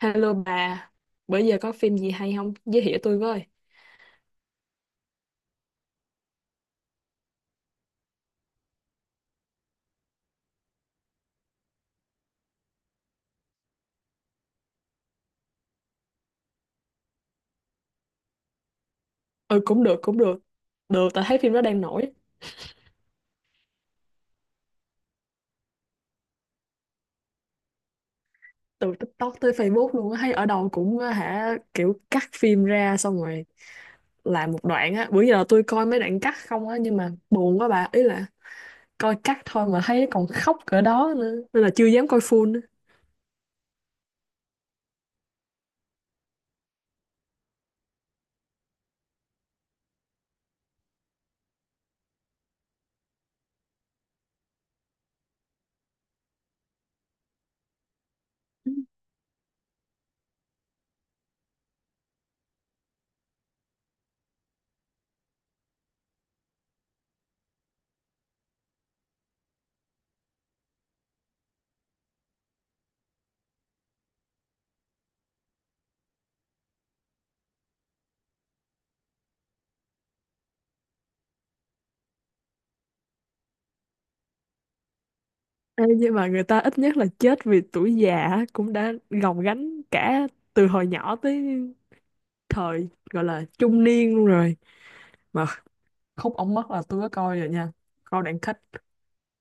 Hello bà, bữa giờ có phim gì hay không? Giới thiệu tôi với. Ừ, cũng được, cũng được. Được, tao thấy phim đó đang nổi. Từ TikTok tới Facebook luôn á, thấy ở đâu cũng á hả, kiểu cắt phim ra xong rồi làm một đoạn á. Bữa giờ tôi coi mấy đoạn cắt không á, nhưng mà buồn quá bà. Ý là coi cắt thôi mà thấy còn khóc cỡ đó nữa. Nên là chưa dám coi full nữa. Ê, nhưng mà người ta ít nhất là chết vì tuổi già á, cũng đã gồng gánh cả từ hồi nhỏ tới thời gọi là trung niên luôn rồi, mà khúc ống mất là tôi có coi rồi nha, coi đoạn kết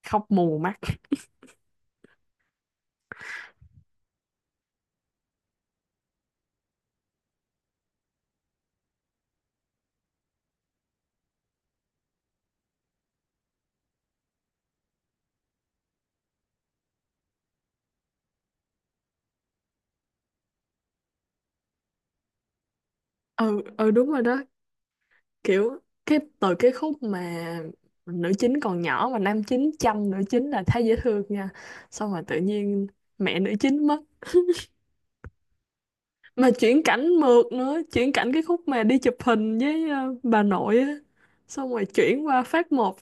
khóc mù mắt. Ừ, đúng rồi đó. Kiểu cái từ cái khúc mà nữ chính còn nhỏ mà nam chính chăm nữ chính là thấy dễ thương nha, xong rồi tự nhiên mẹ nữ chính mất, mà chuyển cảnh mượt nữa, chuyển cảnh cái khúc mà đi chụp hình với bà nội á, xong rồi chuyển qua phát một.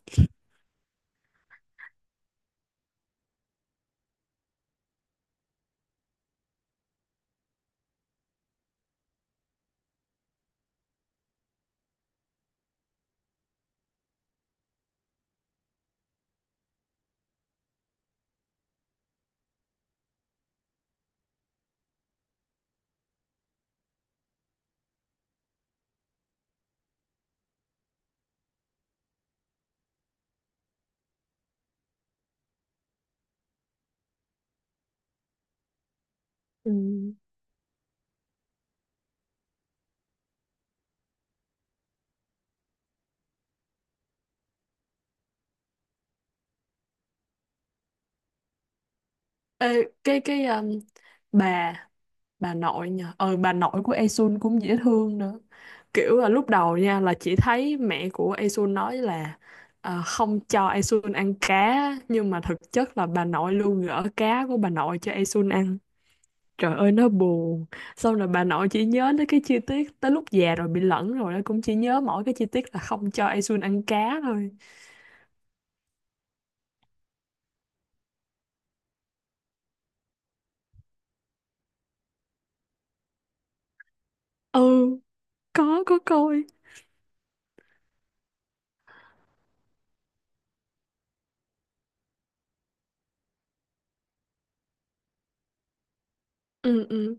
Ừ. Ê, cái bà bà nội nha, bà nội của Esun cũng dễ thương nữa. Kiểu là lúc đầu nha là chỉ thấy mẹ của Esun nói là không cho Esun ăn cá, nhưng mà thực chất là bà nội luôn gỡ cá của bà nội cho Esun ăn. Trời ơi nó buồn. Xong rồi bà nội chỉ nhớ tới cái chi tiết, tới lúc già rồi bị lẫn rồi nó cũng chỉ nhớ mỗi cái chi tiết là không cho Esun ăn cá thôi. Ừ, có coi. Ừ ừ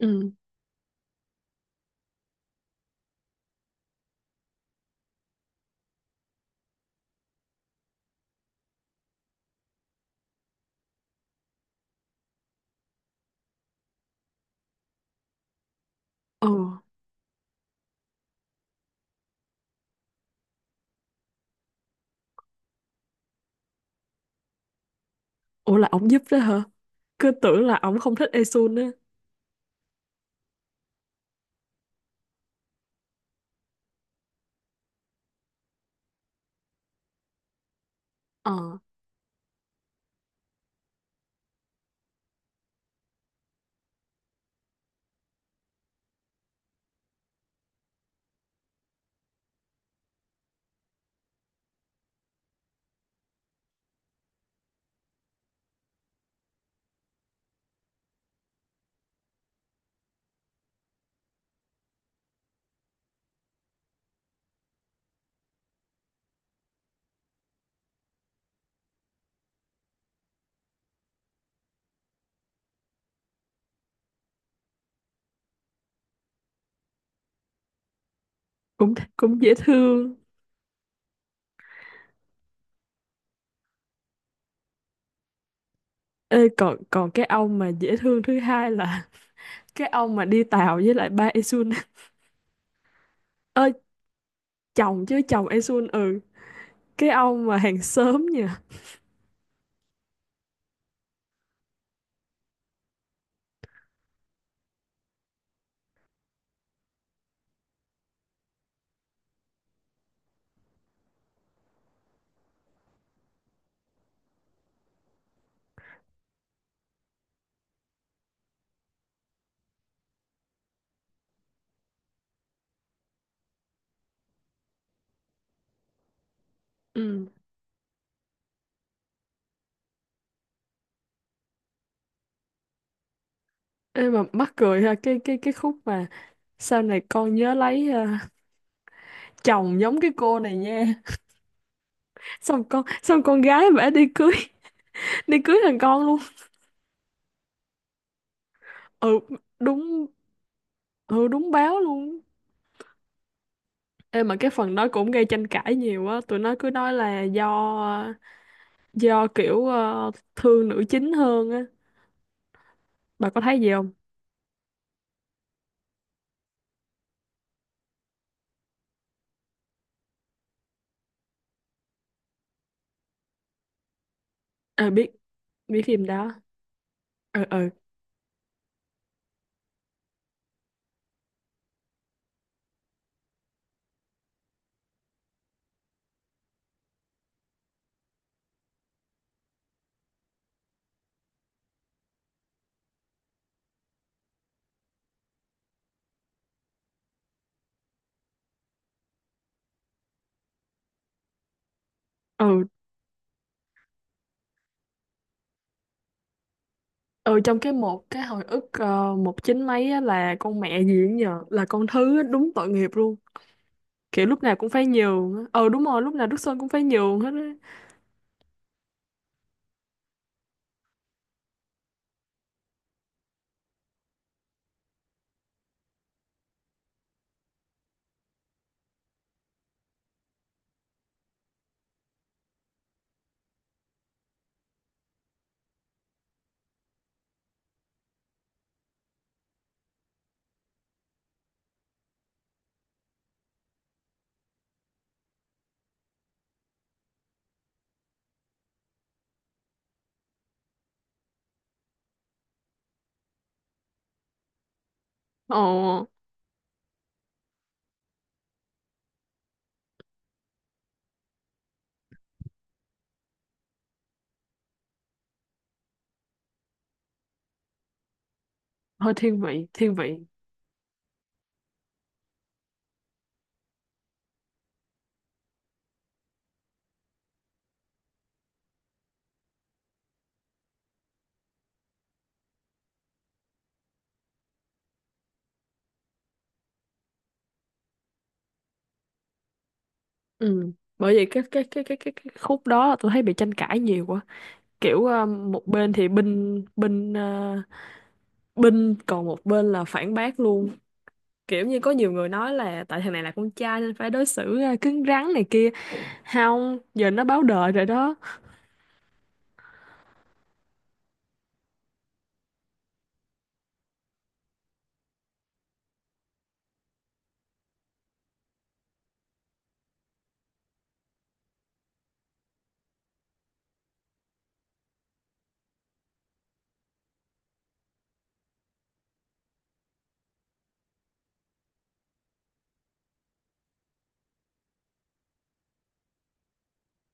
ừ ừ. Ủa, là ổng giúp đó hả? Cứ tưởng là ổng không thích Esun á. Ờ, cũng cũng dễ thương. Ê, còn còn cái ông mà dễ thương thứ hai là cái ông mà đi tàu với lại ba Esun. Ơi, chồng, chứ chồng Esun. Ừ, cái ông mà hàng xóm nha. Ừ. Ê, mà mắc cười ha, cái khúc mà sau này con nhớ lấy chồng giống cái cô này nha, xong con, xong con gái bả đi cưới đi cưới thằng con luôn. Ừ đúng, ừ đúng, báo luôn. Ê, mà cái phần đó cũng gây tranh cãi nhiều á, tụi nó cứ nói là do kiểu thương nữ chính hơn á. Bà có thấy gì không? Ờ biết, biết phim đó. Ờ ờ. Ờ ờ, trong cái một cái hồi ức một chín mấy á, là con mẹ gì cũng nhờ là con thứ á, đúng tội nghiệp luôn. Kiểu lúc nào cũng phải nhường á. Ờ đúng rồi, lúc nào Đức Sơn cũng phải nhường hết á. Ờ. Hơi thiên vị, thiên vị. Ừ, bởi vậy cái khúc đó tôi thấy bị tranh cãi nhiều quá. Kiểu một bên thì binh binh ờ, binh, còn một bên là phản bác luôn. Kiểu như có nhiều người nói là tại thằng này là con trai nên phải đối xử à, cứng rắn này kia, không giờ nó báo đời rồi đó.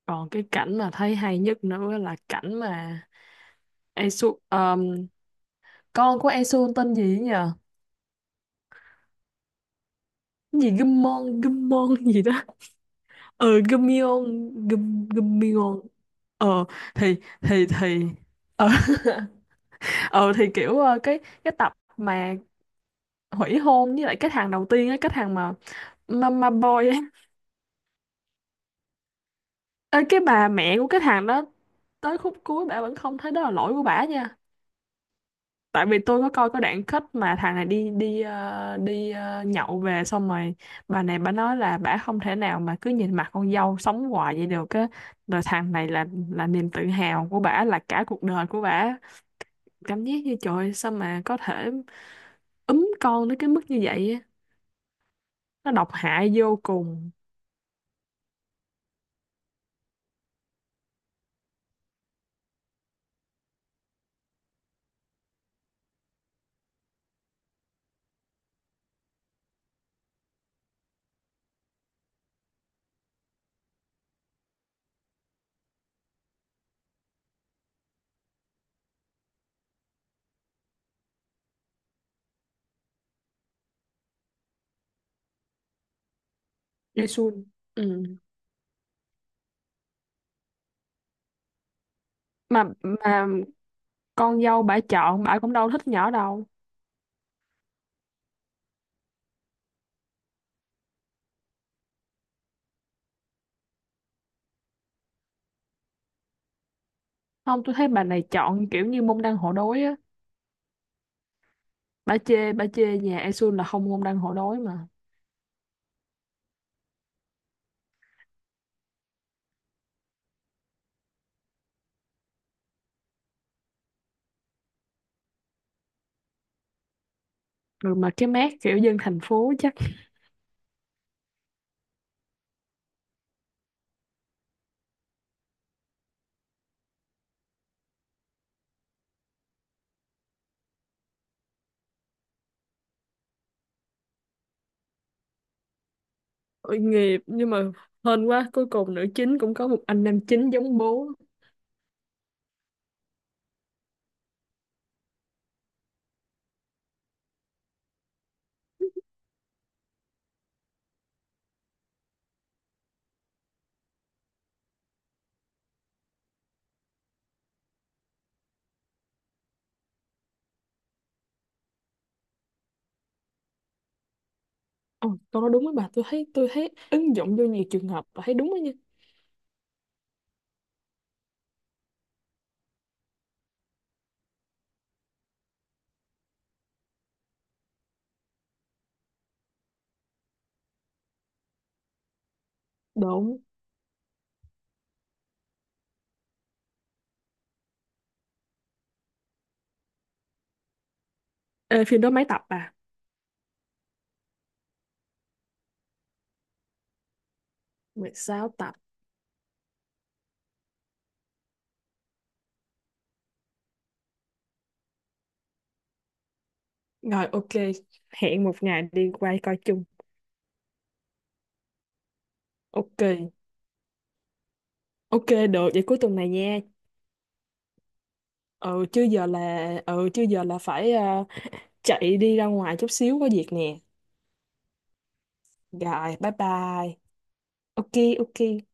Còn cái cảnh mà thấy hay nhất nữa là cảnh mà Esu con của Esu tên gì ấy nhờ? Cái gì Gummon Gummon gì đó. Ừ, Gummion. Gummion. Ờ thì ờ Ờ thì kiểu cái tập mà hủy hôn với lại cái thằng đầu tiên á, cái thằng mà mama boy á. Ê, cái bà mẹ của cái thằng đó, tới khúc cuối bả vẫn không thấy đó là lỗi của bả nha. Tại vì tôi có coi cái đoạn kết mà thằng này đi đi ờ, nhậu về xong rồi bà này bà nói là bả không thể nào mà cứ nhìn mặt con dâu sống hoài vậy được á, rồi thằng này là niềm tự hào của bả, là cả cuộc đời của bả. Cảm giác như trời ơi, sao mà có thể ấm con đến cái mức như vậy á, nó độc hại vô cùng. Jaisun. Ừ. mà con dâu bả chọn, bả cũng đâu thích nhỏ đâu. Không, tôi thấy bà này chọn kiểu như môn đăng hộ đối á, bà chê nhà An là không môn đăng hộ đối mà. Rồi mà cái mác kiểu dân thành phố chắc. Tội nghiệp, nhưng mà hên quá, cuối cùng nữ chính cũng có một anh nam chính giống bố. Ồ, câu nói đúng với bà. Tôi thấy, tôi thấy ứng dụng vô nhiều trường hợp và thấy đúng đó nha. Đúng. Ê, phim đó mấy tập à? 16 tập. Rồi ok, hẹn một ngày đi quay coi chung. Ok ok, được vậy cuối tuần này nha. Ừ chứ giờ là phải chạy đi ra ngoài chút xíu có việc nè. Rồi bye bye. Ok ok.